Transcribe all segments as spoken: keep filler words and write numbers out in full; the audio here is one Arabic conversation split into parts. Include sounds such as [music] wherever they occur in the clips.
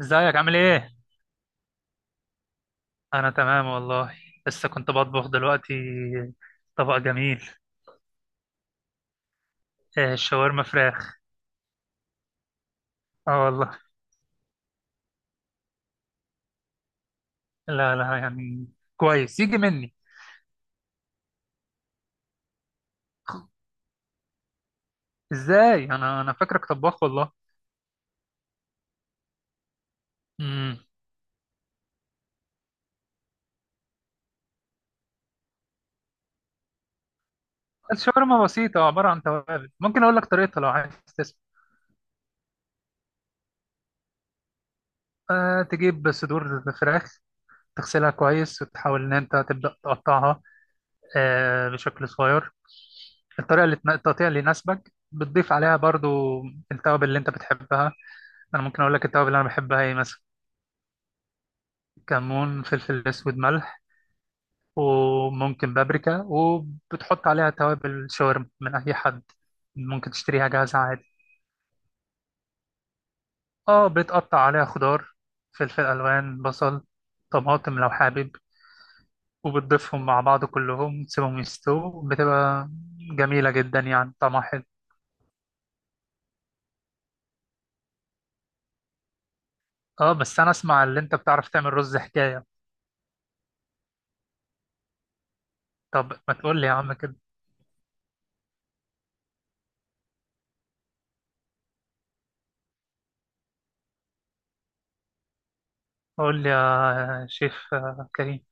ازيك عامل ايه؟ انا تمام والله. لسه كنت بطبخ دلوقتي. طبق جميل. آه، شاورما فراخ. اه والله. لا لا، يعني كويس يجي مني. ازاي؟ انا انا فاكرك طباخ والله. امم. الشاورما بسيطة عبارة عن توابل، ممكن اقول لك طريقتها لو عايز تسمع. أه، تجيب صدور فراخ. تغسلها كويس وتحاول ان انت تبدأ تقطعها أه بشكل صغير. الطريقة اللي تن- التقطيع اللي يناسبك، بتضيف عليها برضو التوابل اللي انت بتحبها. انا ممكن اقول لك التوابل اللي انا بحبها ايه مثلا. كمون، فلفل اسود، ملح، وممكن بابريكا، وبتحط عليها توابل شاورما من اي حد. ممكن تشتريها جاهزة عادي. اه، بتقطع عليها خضار: فلفل الوان، بصل، طماطم لو حابب. وبتضيفهم مع بعض كلهم، تسيبهم يستووا، بتبقى جميلة جدا، يعني طعمها حلو. اه، بس انا اسمع اللي انت بتعرف تعمل رز حكاية. طب ما تقول لي يا عم كده. قول لي يا شيف آه، كريم.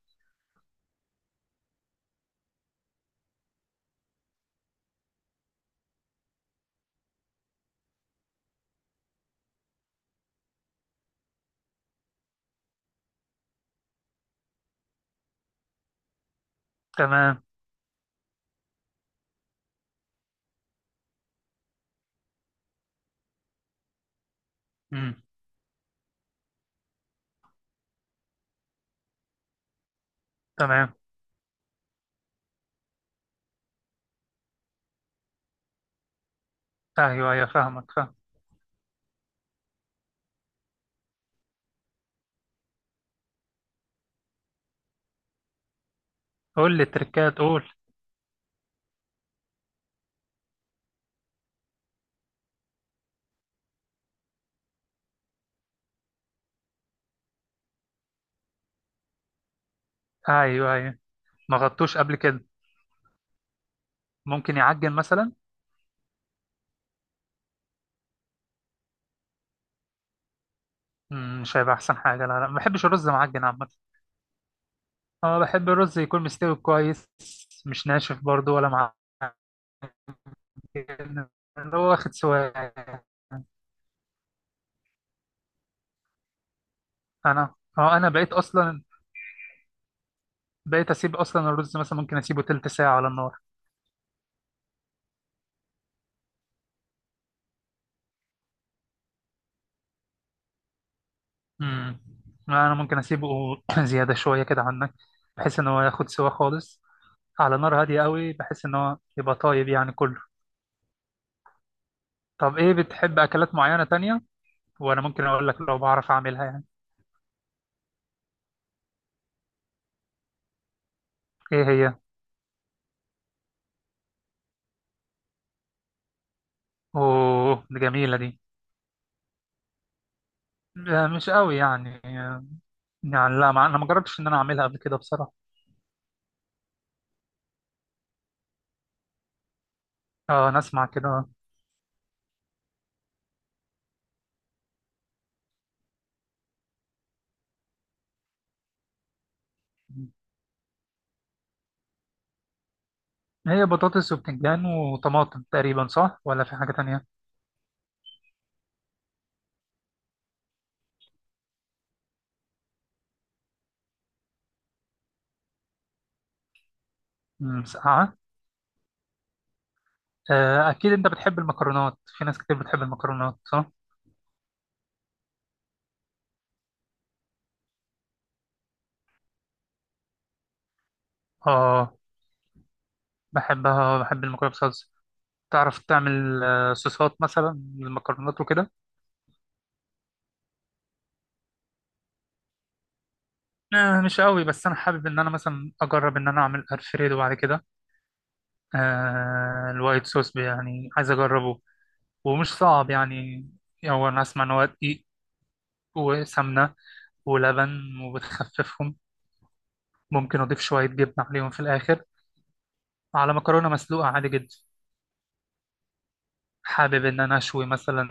تمام. مم. تمام. ايوه ايوه، فاهمك فاهم. قول لي التركات، قول. ايوه ايوه. ما غطوش قبل كده؟ ممكن يعجن مثلا. مم، مش هيبقى احسن حاجه. لا لا، ما بحبش الرز معجن عامه. اه، بحب الرز يكون مستوي كويس. مش ناشف برضو ولا معجن. اللي هو واخد سواء. انا اه انا بقيت اصلا. بقيت اسيب اصلا الرز مثلا، ممكن اسيبه تلت ساعه على النار. امم. انا ممكن اسيبه [clears throat] زياده شويه كده عنك، بحيث ان هو ياخد سوا خالص. على نار هاديه قوي، بحيث ان هو يبقى طايب يعني كله. طب ايه بتحب اكلات معينة تانية؟ وانا ممكن اقول لك لو بعرف اعملها يعني. ايه هي؟ اوه، دي جميلة دي. آه، مش قوي يعني آه، يعني لا، ما انا ما جربتش ان انا اعملها قبل كده بصراحة. اه، انا اسمع كده. هي بطاطس وبتنجان وطماطم تقريبا، صح ولا في حاجة تانية؟ مم، مسقعة. آه، اكيد انت بتحب المكرونات، في ناس كتير بتحب المكرونات، صح؟ اه، بحبها، بحب المكرونة بصلصة. تعرف تعمل آه، صوصات مثلا للمكرونات وكده؟ آه، مش قوي، بس انا حابب ان انا مثلا اجرب ان انا اعمل الفريدو بعد كده. آه، الوايت صوص بي- يعني عايز اجربه. ومش صعب يعني. هو انا اسمع ان هو دقيق، وسمنه ولبن، وبتخففهم. ممكن اضيف شويه جبنه عليهم في الاخر، على مكرونه مسلوقه عادي جدا. حابب ان انا اشوي مثلا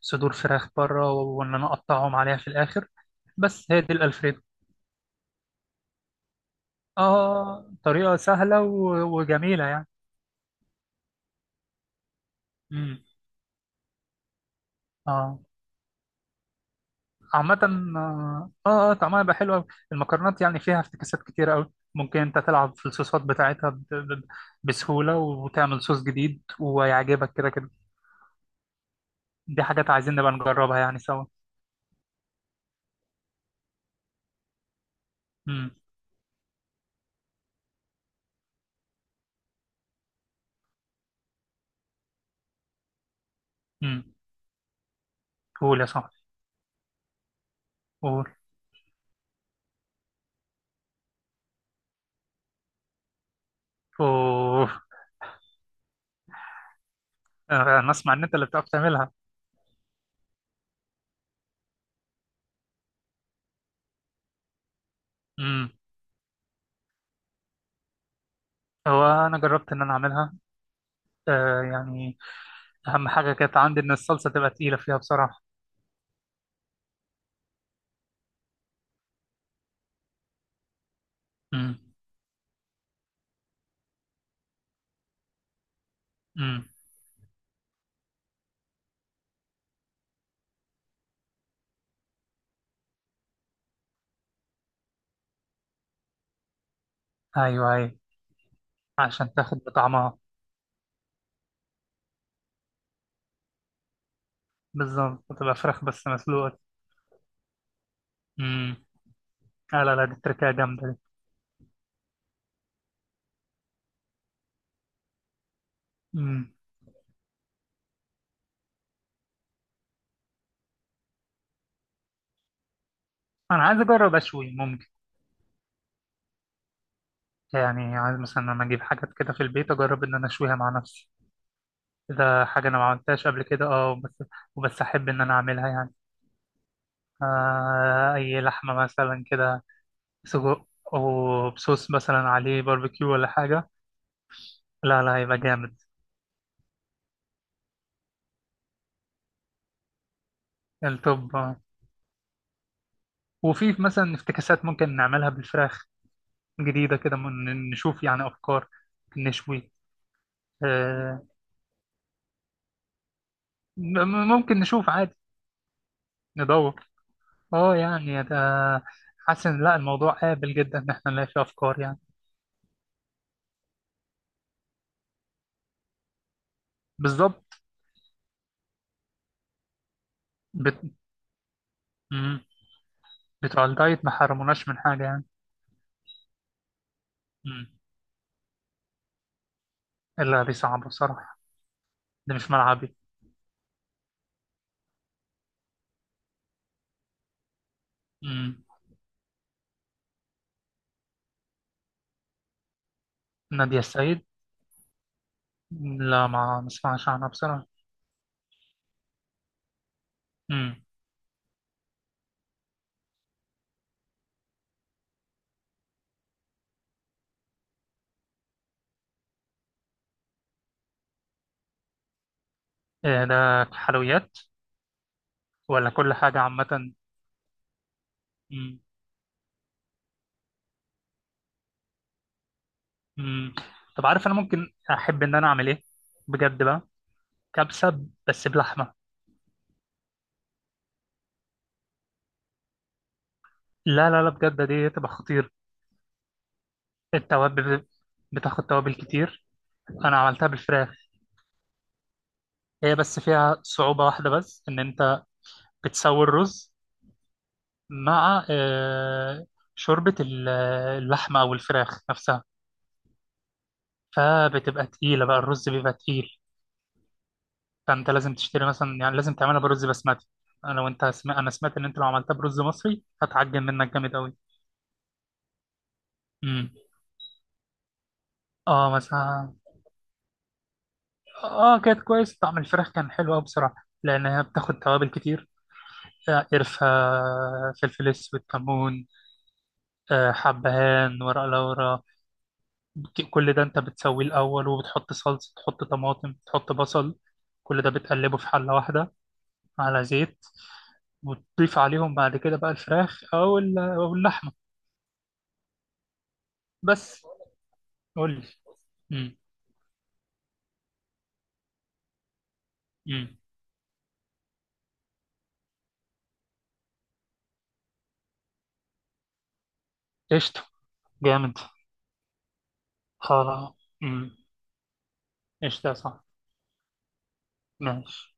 صدور فراخ بره، وان انا اقطعهم عليها في الاخر. بس هي دي الالفريدو. اه، طريقه سهله و- وجميله يعني. امم. اه. عامة. اه اه، طعمها يبقى حلو أوي. المكرونات يعني فيها افتكاسات كتير قوي، ممكن انت تلعب في الصوصات بتاعتها ب- ب- بسهولة، وتعمل صوص جديد ويعجبك كده كده. دي حاجات عايزين نبقى نجربها يعني سوا. امم. امم. قول يا صاحبي، قول. اوه. آه، انا اسمع ان انت اللي بتعرف تعملها. امم. هو انا جربت ان انا اعملها آه يعني. اهم حاجة كانت عندي ان الصلصة تبقى تقيلة فيها بصراحة. امم امم. ايوه ايوه. عشان تاخد بطعمها. بالظبط، بتبقى فراخ بس مسلوقة. امم. لا لا لا، دي تركية جامدة دي. امم. انا عايز اجرب اشوي ممكن. يعني عايز مثلا انا اجيب حاجات كده في البيت، اجرب ان انا اشويها مع نفسي. كده حاجة انا ما عملتهاش قبل كده اه بس. وبس احب ان انا اعملها يعني. آه، اي لحمة مثلا كده. سجق، وبصوص مثلا عليه باربيكيو ولا حاجة. لا لا، هيبقى جامد. التوب آه. وفي مثلا افتكاسات ممكن نعملها بالفراخ جديدة كده، من- نشوف يعني افكار نشوي. آه. م- ممكن نشوف عادي. ندور. اه يعني ده. حاسس ان لا الموضوع قابل جدا ان احنا نلاقي فيه افكار يعني. بالظبط. بت... مم. بتوع الدايت ما حرموناش من حاجه يعني. مم. الا دي صعبه بصراحه. دي مش ملعبي. مم. ناديه السيد. لا، ما نسمعش عنها بصراحه. مم. إيه ده، حلويات ولا كل حاجه عامه؟ مم. مم. طب عارف انا ممكن احب ان انا اعمل ايه؟ بجد بقى. كبسه بس بلحمه. لا لا لا، بجد دي تبقى خطير. التوابل، بتاخد توابل كتير. انا عملتها بالفراخ. هي بس فيها صعوبة واحدة، بس ان انت بتسوي الرز مع آه، شوربة ال- اللحمة او الفراخ نفسها. فبتبقى تقيلة بقى، الرز بيبقى تقيل. فانت لازم تشتري مثلا، يعني لازم تعملها برز بسمتي. انا وانت سمع... انا سمعت ان انت لو عملتها برز مصري هتعجن منك جامد قوي. امم. اه مثلا. اه، كانت كويس، طعم الفراخ كان حلو قوي بصراحة. لان هي بتاخد توابل كتير. آه، قرفة، فلفل اسود، كمون، آه، حبهان، ورق لورا. كل ده انت بتسويه الاول، وبتحط صلصه، تحط طماطم، تحط بصل. كل ده بتقلبه في حله واحده على زيت. وتضيف عليهم بعد كده بقى الفراخ او ال- او اللحمه. بس، قول لي. امم امم. قشطه، جامد. خلاص. امم. قشطه يا صاحبي. ماشي.